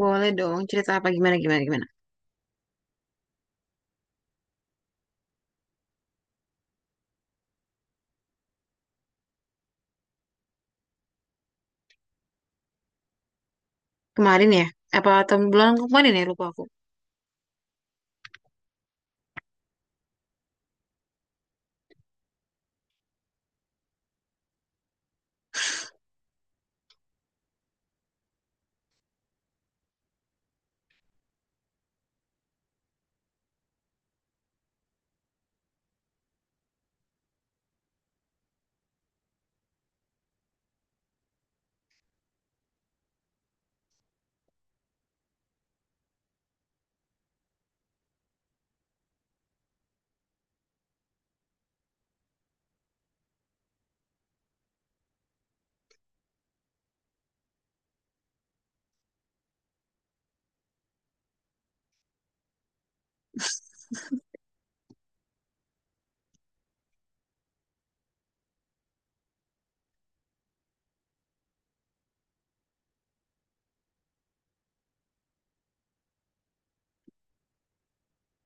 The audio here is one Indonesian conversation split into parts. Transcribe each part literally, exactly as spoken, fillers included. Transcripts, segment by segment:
Boleh dong, cerita apa gimana gimana gimana. Kemarin ya? Apa tahun bulan kemarin ya lupa aku.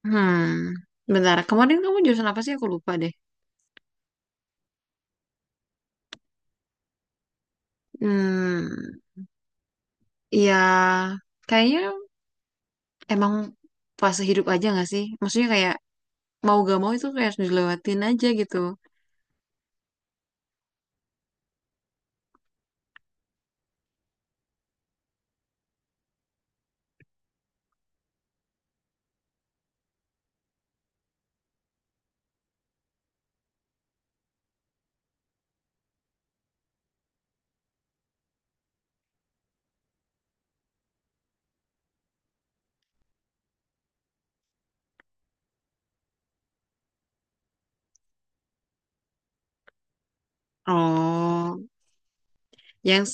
Hmm, bentar. Kemarin kamu jurusan apa sih? Aku lupa deh. Hmm, ya kayaknya emang fase hidup aja gak sih? Maksudnya kayak mau gak mau itu kayak harus dilewatin aja gitu. Oh, yang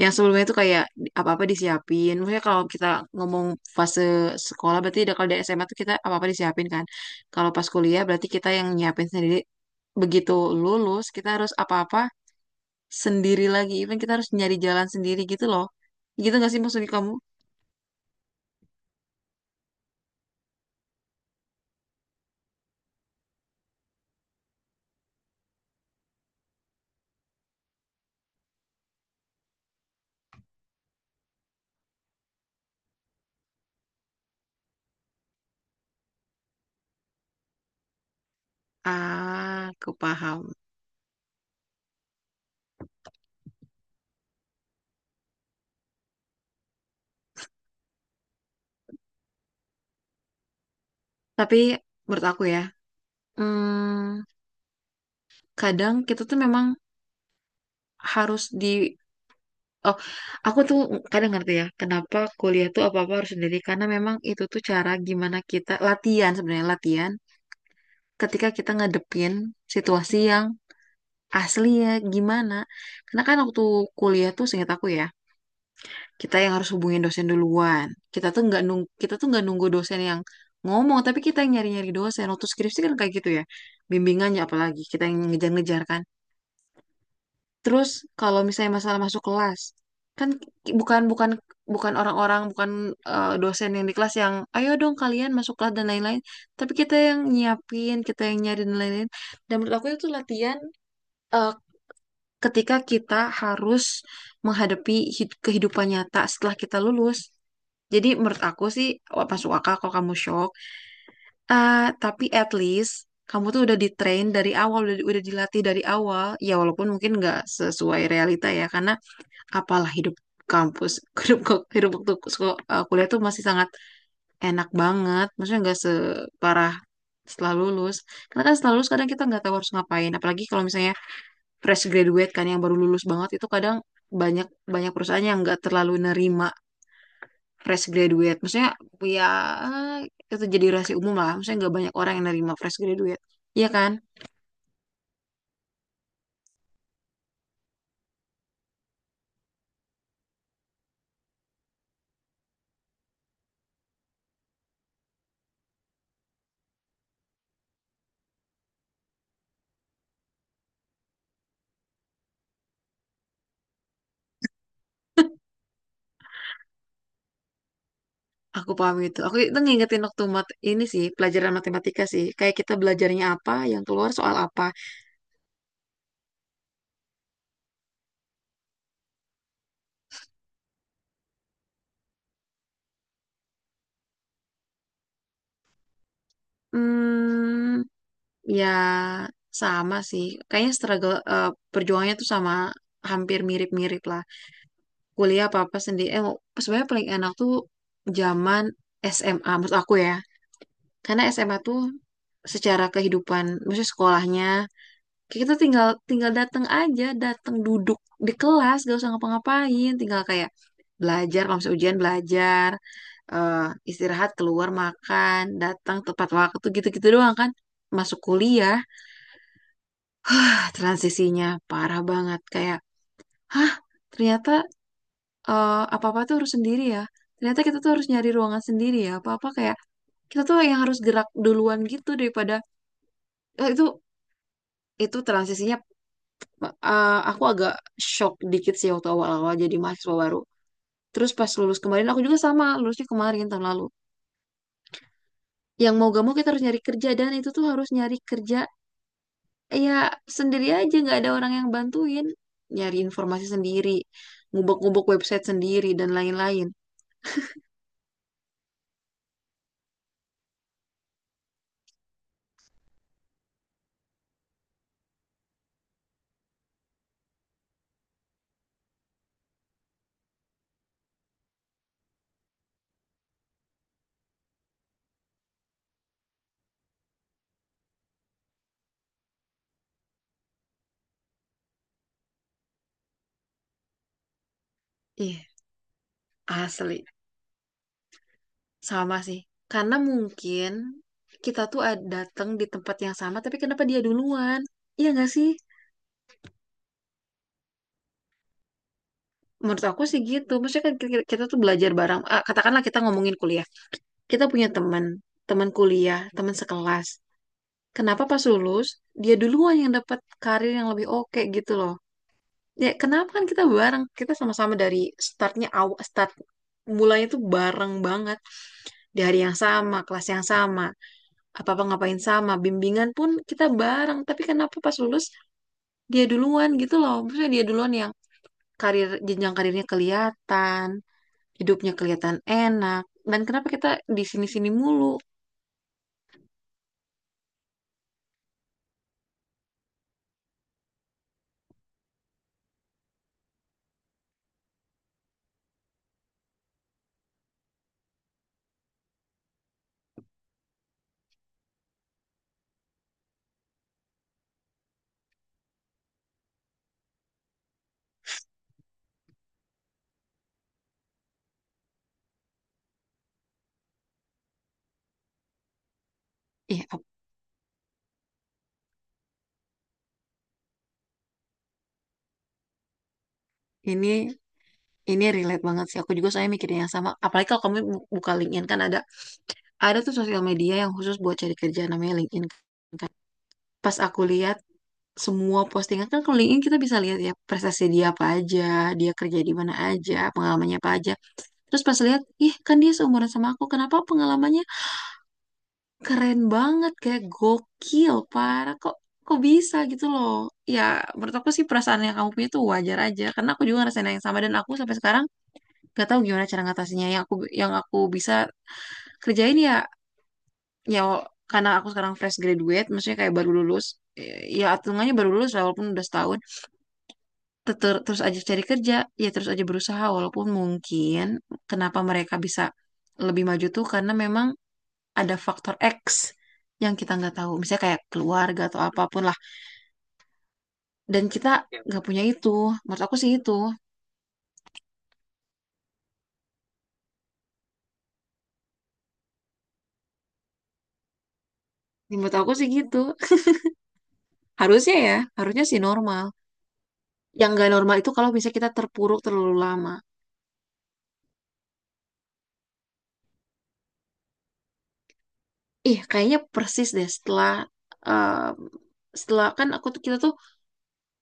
yang sebelumnya itu kayak di- apa-apa disiapin. Maksudnya kalau kita ngomong fase sekolah berarti udah kalau di S M A tuh kita apa-apa disiapin kan. Kalau pas kuliah berarti kita yang nyiapin sendiri. Begitu lulus kita harus apa-apa sendiri lagi. Even kita harus nyari jalan sendiri gitu loh. Gitu gak sih maksudnya kamu? Ah, aku paham. Tapi menurut aku ya, hmm, kadang kita tuh memang harus di Oh, aku tuh kadang ngerti ya, kenapa kuliah tuh apa-apa harus sendiri. Karena memang itu tuh cara gimana kita latihan sebenarnya latihan ketika kita ngadepin situasi yang asli ya gimana. Karena kan waktu kuliah tuh seingat aku ya, kita yang harus hubungin dosen duluan. Kita tuh nggak nung kita tuh nggak nunggu dosen yang ngomong, tapi kita yang nyari-nyari dosen. Waktu skripsi kan kayak gitu ya, bimbingannya apalagi kita yang ngejar-ngejar kan. Terus kalau misalnya masalah masuk kelas, kan ki- bukan bukan bukan orang-orang bukan eh, dosen yang di kelas yang ayo dong kalian masuk kelas dan lain-lain, tapi kita yang nyiapin, kita yang nyari dan lain-lain. Dan menurut aku itu latihan eh, ketika kita harus menghadapi hid- kehidupan nyata setelah kita lulus. Jadi menurut aku sih wah, masuk akal kalau kamu shock. Ah, tapi at least kamu tuh udah di-train dari awal, udah, udah dilatih dari awal. Ya walaupun mungkin nggak sesuai realita ya, karena apalah hidup kampus hidup kok- hidup waktu sko- eh, kuliah tuh masih sangat enak banget maksudnya nggak separah setelah lulus karena kan setelah lulus kadang kita nggak tahu harus ngapain apalagi kalau misalnya fresh graduate kan yang baru lulus banget itu kadang banyak banyak perusahaan yang nggak terlalu nerima fresh graduate maksudnya ya itu jadi rahasia umum lah maksudnya nggak banyak orang yang nerima fresh graduate iya kan aku paham itu aku itu ngingetin waktu mat ini sih pelajaran matematika sih kayak kita belajarnya apa yang keluar soal apa. Hmm, ya sama sih. Kayaknya struggle eh, perjuangannya tuh sama hampir mirip-mirip lah. Kuliah apa-apa sendiri. Eh, sebenarnya paling enak tuh zaman S M A menurut aku ya. Karena S M A tuh secara kehidupan, maksudnya sekolahnya kita tinggal tinggal datang aja datang duduk di kelas gak usah ngapa-ngapain tinggal kayak belajar kalau misalnya ujian belajar, eh, istirahat keluar makan datang tepat waktu gitu-gitu doang kan masuk kuliah ah, transisinya parah banget kayak hah ternyata eh, apa-apa tuh harus sendiri ya ternyata kita tuh harus nyari ruangan sendiri ya apa-apa kayak kita tuh yang harus gerak duluan gitu daripada eh, itu itu transisinya eh, aku agak shock dikit sih waktu awal-awal jadi mahasiswa baru. Terus pas lulus kemarin, aku juga sama, lulusnya kemarin tahun lalu. Yang mau gak mau kita harus nyari kerja, dan itu tuh harus nyari kerja ya sendiri aja, nggak ada orang yang bantuin. Nyari informasi sendiri, ngubek-ngubek website sendiri, dan lain-lain. Ih, asli. Sama sih. Karena mungkin kita tuh ad- datang di tempat yang sama, tapi kenapa dia duluan? Iya nggak sih? Menurut aku sih gitu. Maksudnya kan kita, kita tuh belajar bareng. Ah, katakanlah kita ngomongin kuliah. Kita punya teman, teman kuliah, teman sekelas. Kenapa pas lulus, dia duluan yang dapat karir yang lebih oke gitu loh. Ya, kenapa kan kita bareng, kita sama-sama dari startnya awal, start mulanya tuh bareng banget. Di hari yang sama, kelas yang sama, apa-apa ngapain sama, bimbingan pun kita bareng. Tapi kenapa pas lulus, dia duluan gitu loh. Maksudnya dia duluan yang karir, jenjang karirnya kelihatan, hidupnya kelihatan enak. Dan kenapa kita di sini-sini mulu? Ih, ap- ini Ini relate banget sih. Aku juga saya mikirin yang sama. Apalagi kalau kamu bu- buka LinkedIn kan ada ada tuh sosial media yang khusus buat cari kerja namanya LinkedIn kan. Pas aku lihat semua postingan kan kalau LinkedIn kita bisa lihat ya prestasi dia apa aja, dia kerja di mana aja, pengalamannya apa aja. Terus pas lihat, ih kan dia seumuran sama aku, kenapa pengalamannya keren banget kayak gokil parah kok kok bisa gitu loh. Ya menurut aku sih perasaan yang kamu punya tuh wajar aja karena aku juga ngerasain yang sama dan aku sampai sekarang gak tahu gimana cara ngatasinya yang aku yang aku bisa kerjain ya ya karena aku sekarang fresh graduate maksudnya kayak baru lulus eh, ya hitungannya baru lulus lah, walaupun udah setahun. Teter- terus aja cari kerja ya terus aja berusaha walaupun mungkin kenapa mereka bisa lebih maju tuh karena memang ada faktor X yang kita nggak tahu misalnya kayak keluarga atau apapun lah dan kita nggak punya itu menurut aku sih itu menurut aku sih gitu harusnya ya harusnya sih normal yang nggak normal itu kalau misalnya kita terpuruk terlalu lama. Ih, kayaknya persis deh setelah um, setelah kan aku tuh kita tuh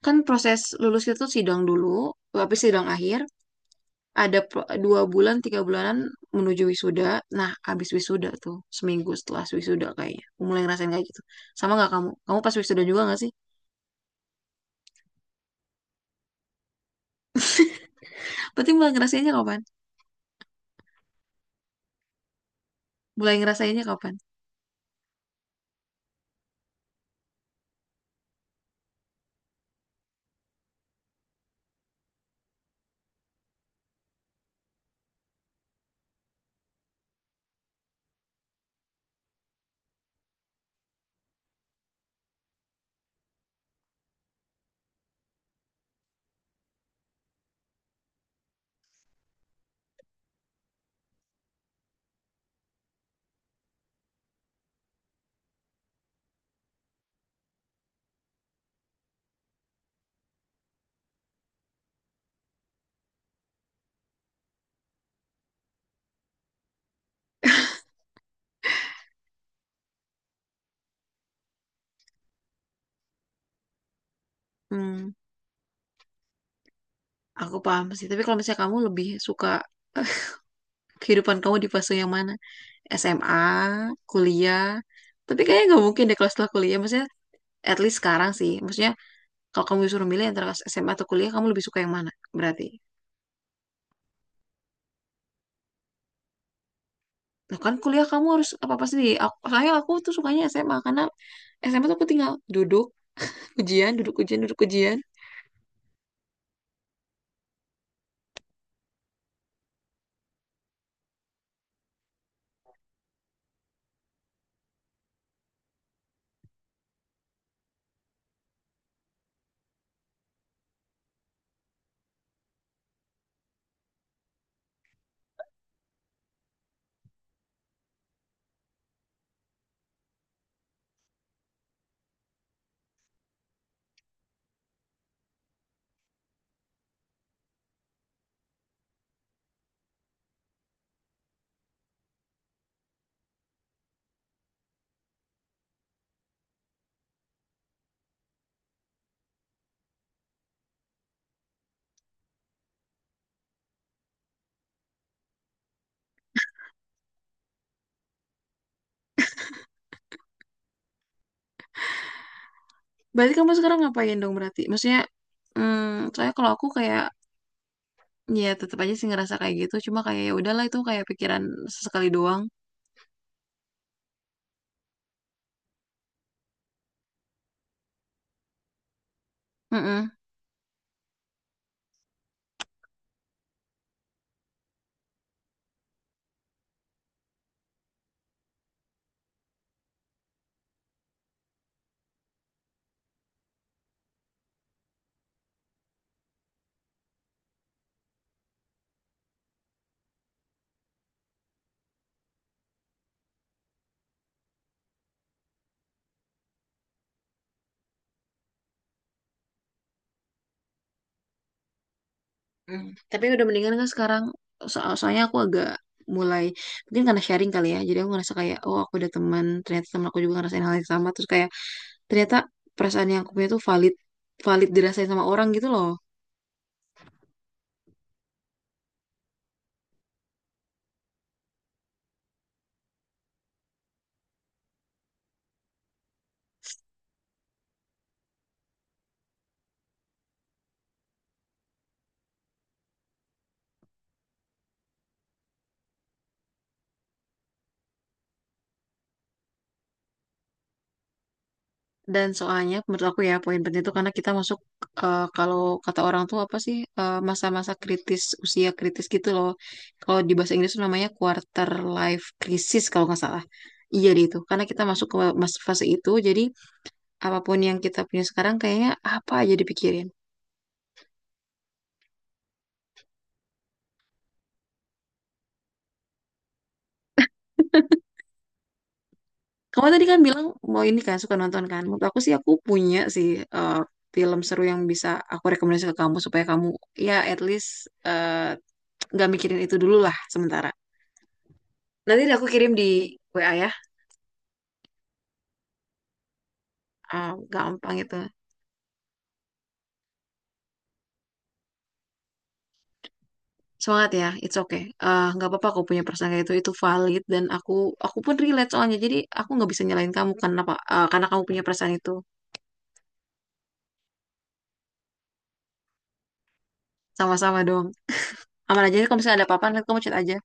kan proses lulus kita tuh sidang dulu, habis sidang akhir ada pro- dua bulan tiga bulanan menuju wisuda. Nah, habis wisuda tuh seminggu setelah wisuda kayaknya. Aku mulai ngerasain kayak gitu. Sama nggak kamu? Kamu pas wisuda juga nggak sih? Berarti mulai ngerasainnya kapan? Mulai ngerasainnya kapan? Hmm, aku paham sih. Tapi kalau misalnya kamu lebih suka kehidupan kamu di fase yang mana? S M A, kuliah. Tapi kayaknya nggak mungkin deh kalau setelah kuliah. Maksudnya at least sekarang sih. Maksudnya kalau kamu disuruh milih antara S M A atau kuliah, kamu lebih suka yang mana? Berarti. Nah kan kuliah kamu harus apa-apa sendiri. Aku, soalnya aku tuh sukanya S M A karena S M A tuh aku tinggal duduk, ujian, duduk ujian, duduk ujian. Berarti kamu sekarang ngapain dong berarti? Maksudnya, hmm, soalnya kalau aku kayak ya tetap aja sih ngerasa kayak gitu. Cuma kayak ya udahlah itu kayak pikiran sesekali doang. Mm-mm. Hmm, tapi udah mendingan kan sekarang so soalnya aku agak mulai mungkin karena sharing kali ya jadi aku ngerasa kayak oh aku ada teman ternyata teman aku juga ngerasain hal yang sama terus kayak ternyata perasaan yang aku punya tuh valid valid dirasain sama orang gitu loh dan soalnya menurut aku ya poin penting itu karena kita masuk eh, kalau kata orang tuh apa sih eh, masa-masa kritis usia kritis gitu loh kalau di bahasa Inggris tuh namanya quarter life crisis kalau nggak salah iya deh itu karena kita masuk ke mas- fase itu jadi apapun yang kita punya sekarang kayaknya apa aja dipikirin. Kamu tadi kan bilang mau ini kan suka nonton kan. Menurut aku sih aku punya sih eh, film seru yang bisa aku rekomendasi ke kamu supaya kamu ya at least eh, nggak mikirin itu dulu lah sementara. Nanti deh aku kirim di W A ya. Eh, gampang itu. Semangat ya, it's okay. Eh, nggak apa-apa aku punya perasaan kayak itu itu valid dan aku aku pun relate soalnya. Jadi aku nggak bisa nyalain kamu karena apa? Eh, karena kamu punya perasaan itu. Sama-sama dong. Aman aja nih, kalau misalnya ada apa-apa nanti kamu chat aja.